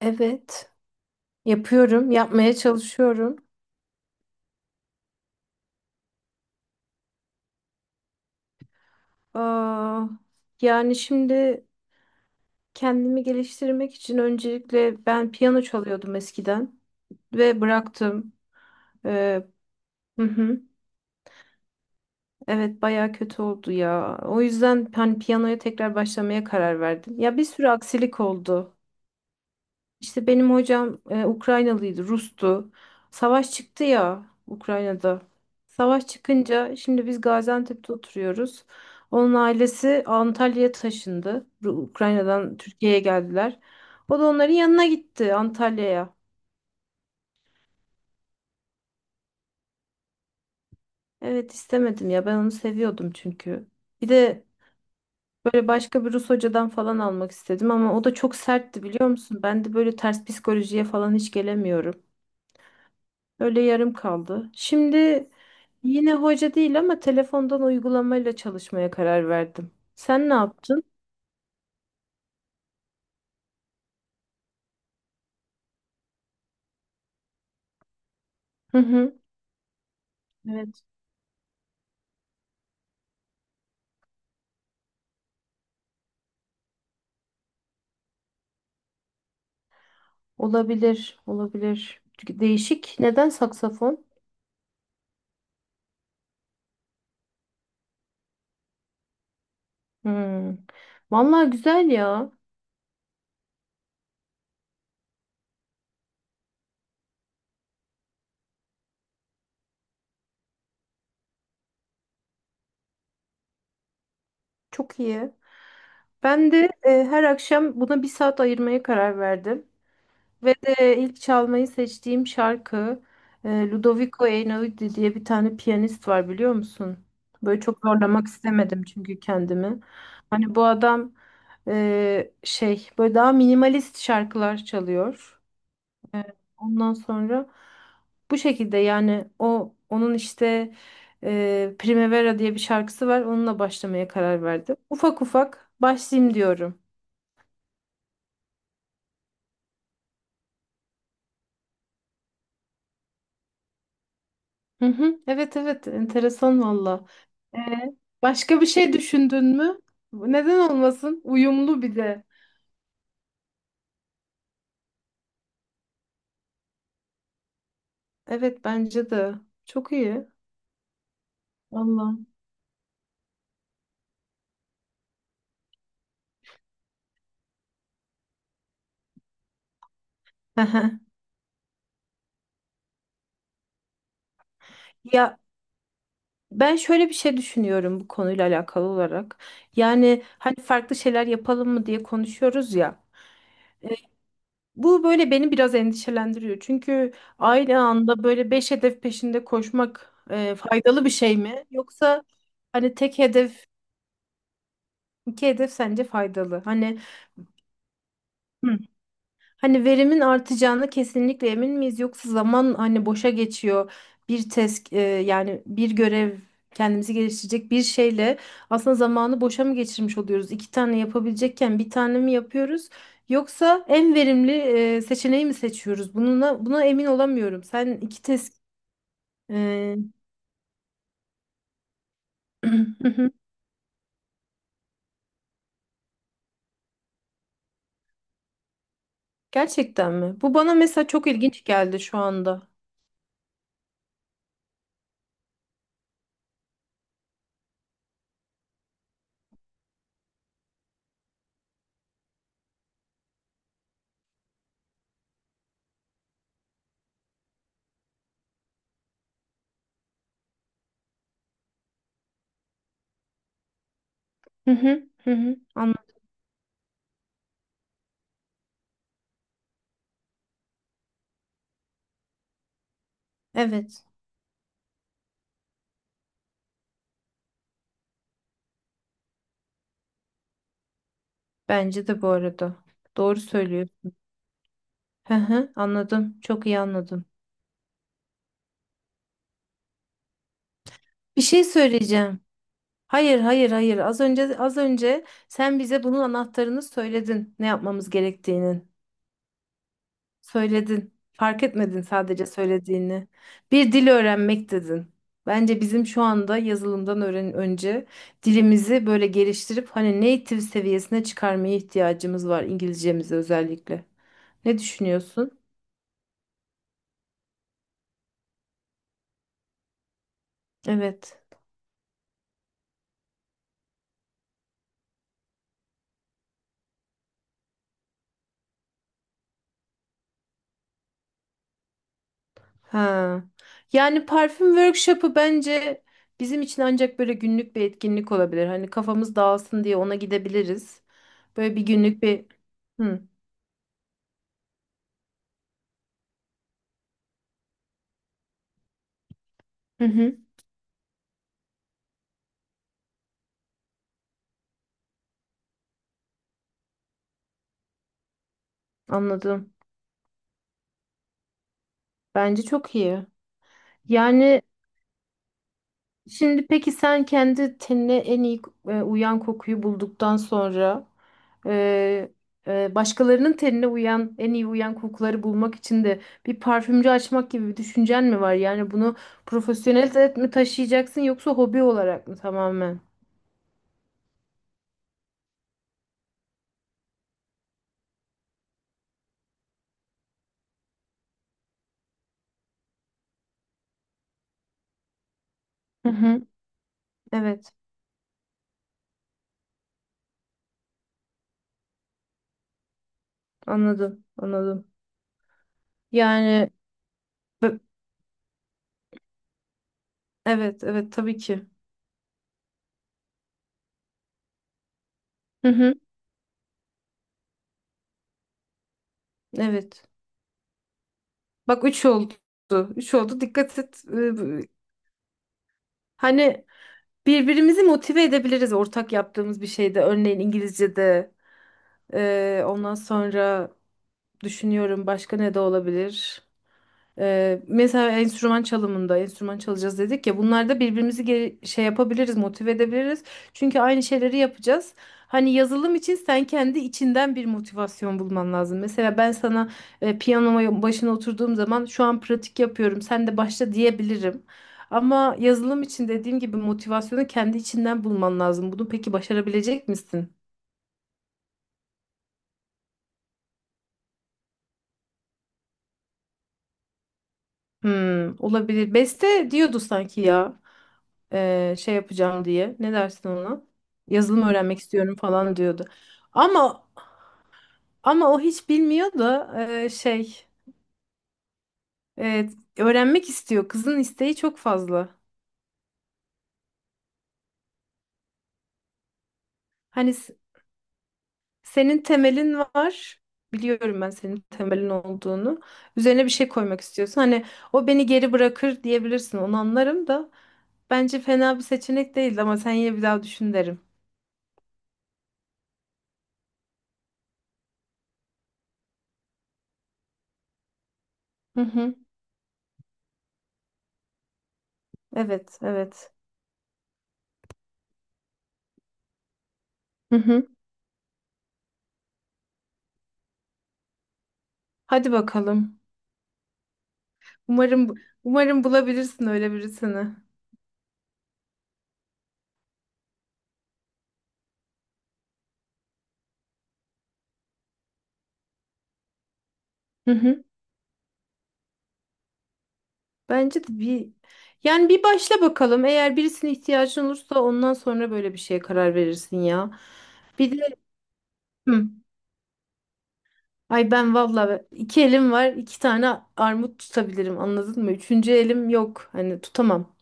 Evet, yapıyorum, yapmaya çalışıyorum. Aa, yani şimdi kendimi geliştirmek için öncelikle ben piyano çalıyordum eskiden ve bıraktım. Ee, hı hı, evet, baya kötü oldu ya. O yüzden hani piyanoya tekrar başlamaya karar verdim. Ya bir sürü aksilik oldu. İşte benim hocam Ukraynalıydı, Rus'tu. Savaş çıktı ya Ukrayna'da. Savaş çıkınca şimdi biz Gaziantep'te oturuyoruz. Onun ailesi Antalya'ya taşındı. Ukrayna'dan Türkiye'ye geldiler. O da onların yanına gitti Antalya'ya. Evet istemedim ya ben onu seviyordum çünkü. Bir de böyle başka bir Rus hocadan falan almak istedim ama o da çok sertti biliyor musun? Ben de böyle ters psikolojiye falan hiç gelemiyorum. Öyle yarım kaldı. Şimdi yine hoca değil ama telefondan uygulamayla çalışmaya karar verdim. Sen ne yaptın? Hı hı. Evet. Olabilir, olabilir. Çünkü değişik. Neden saksafon? Hmm. Vallahi güzel ya. Çok iyi. Ben de her akşam buna bir saat ayırmaya karar verdim. Ve de ilk çalmayı seçtiğim şarkı, Ludovico Einaudi diye bir tane piyanist var biliyor musun? Böyle çok zorlamak istemedim çünkü kendimi. Hani bu adam böyle daha minimalist şarkılar çalıyor. Ondan sonra bu şekilde, yani onun işte Primavera diye bir şarkısı var. Onunla başlamaya karar verdim. Ufak ufak başlayayım diyorum. Hı hı. Evet evet, enteresan valla. Ee, başka bir şey düşündün mü? Neden olmasın? Uyumlu bir de. Evet bence de. Çok iyi. Valla. Hı hı. Ya ben şöyle bir şey düşünüyorum bu konuyla alakalı olarak. Yani hani farklı şeyler yapalım mı diye konuşuyoruz ya. E, Bu böyle beni biraz endişelendiriyor. Çünkü aynı anda böyle beş hedef peşinde koşmak faydalı bir şey mi? Yoksa hani tek hedef, iki hedef sence faydalı? Hani hı. Hani verimin artacağına kesinlikle emin miyiz yoksa zaman hani boşa geçiyor. Bir test, yani bir görev, kendimizi geliştirecek bir şeyle aslında zamanı boşa mı geçirmiş oluyoruz? İki tane yapabilecekken bir tane mi yapıyoruz? Yoksa en verimli seçeneği mi seçiyoruz? Bununla, buna emin olamıyorum. Sen iki test e, gerçekten mi? Bu bana mesela çok ilginç geldi şu anda. Hı hı, hı hı, anladım. Evet, bence de bu arada. Doğru söylüyorsun. Hı hı, anladım. Çok iyi anladım. Bir şey söyleyeceğim. Hayır, hayır, hayır. Az önce sen bize bunun anahtarını söyledin. Ne yapmamız gerektiğinin. Söyledin. Fark etmedin sadece söylediğini. Bir dil öğrenmek dedin. Bence bizim şu anda yazılımdan öğren önce dilimizi böyle geliştirip hani native seviyesine çıkarmaya ihtiyacımız var, İngilizcemizi özellikle. Ne düşünüyorsun? Evet. Ha. Yani parfüm workshop'ı bence bizim için ancak böyle günlük bir etkinlik olabilir. Hani kafamız dağılsın diye ona gidebiliriz. Böyle bir günlük bir... Hı. Hı hı. Anladım. Bence çok iyi. Yani şimdi peki sen kendi tenine en iyi uyan kokuyu bulduktan sonra e, başkalarının tenine uyan en iyi uyan kokuları bulmak için de bir parfümcü açmak gibi bir düşüncen mi var? Yani bunu profesyonel de mi taşıyacaksın yoksa hobi olarak mı tamamen? Hı hı. Evet, anladım, anladım. Yani evet, evet tabii ki. Hı hı, evet. Bak üç oldu. Üç oldu. Dikkat et. Hani birbirimizi motive edebiliriz ortak yaptığımız bir şeyde. Örneğin İngilizce'de. Ondan sonra düşünüyorum başka ne de olabilir. Mesela enstrüman çalımında enstrüman çalacağız dedik ya, bunlarda birbirimizi yapabiliriz, motive edebiliriz çünkü aynı şeyleri yapacağız. Hani yazılım için sen kendi içinden bir motivasyon bulman lazım. Mesela ben sana piyanoma başına oturduğum zaman şu an pratik yapıyorum, sen de başla diyebilirim. Ama yazılım için dediğim gibi motivasyonu kendi içinden bulman lazım. Bunu peki başarabilecek misin? Hmm, olabilir. Beste diyordu sanki ya. Yapacağım diye. Ne dersin ona? Yazılım öğrenmek istiyorum falan diyordu. Ama ama o hiç bilmiyor da eee, şey evet, öğrenmek istiyor. Kızın isteği çok fazla. Hani s- senin temelin var. Biliyorum ben senin temelin olduğunu. Üzerine bir şey koymak istiyorsun. Hani o beni geri bırakır diyebilirsin. Onu anlarım da bence fena bir seçenek değil ama sen yine bir daha düşün derim. Hı hı. Evet, evet. Hı hı. Hadi bakalım. Umarım umarım bulabilirsin öyle birisini. Hı hı. Bence de bir, yani bir başla bakalım. Eğer birisine ihtiyacın olursa ondan sonra böyle bir şeye karar verirsin ya. Bir de hı. Ay ben valla iki elim var, iki tane armut tutabilirim, anladın mı? Üçüncü elim yok. Hani tutamam.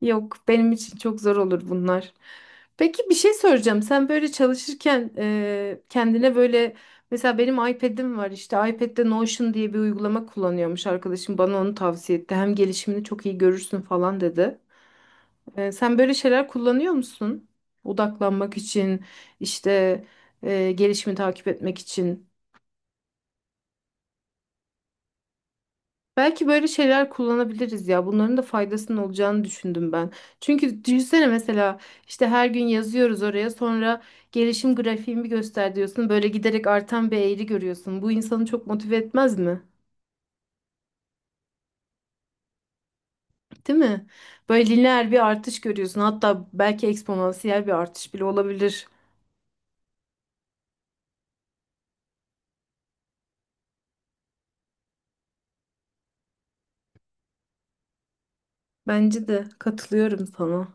Yok, benim için çok zor olur bunlar. Peki bir şey soracağım. Sen böyle çalışırken kendine böyle, mesela benim iPad'im var, işte iPad'de Notion diye bir uygulama kullanıyormuş arkadaşım, bana onu tavsiye etti. Hem gelişimini çok iyi görürsün falan dedi. Sen böyle şeyler kullanıyor musun? Odaklanmak için, işte gelişimi takip etmek için. Belki böyle şeyler kullanabiliriz ya. Bunların da faydasının olacağını düşündüm ben. Çünkü düşünsene, mesela işte her gün yazıyoruz oraya, sonra gelişim grafiğimi göster diyorsun. Böyle giderek artan bir eğri görüyorsun. Bu insanı çok motive etmez mi? Değil mi? Böyle lineer bir artış görüyorsun. Hatta belki eksponansiyel bir artış bile olabilir. Bence de, katılıyorum sana.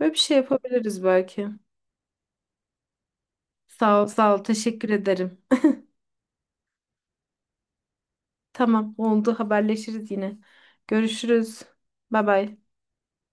Böyle bir şey yapabiliriz belki. Sağ ol, sağ ol. Teşekkür ederim. Tamam, oldu. Haberleşiriz yine. Görüşürüz. Bay bay.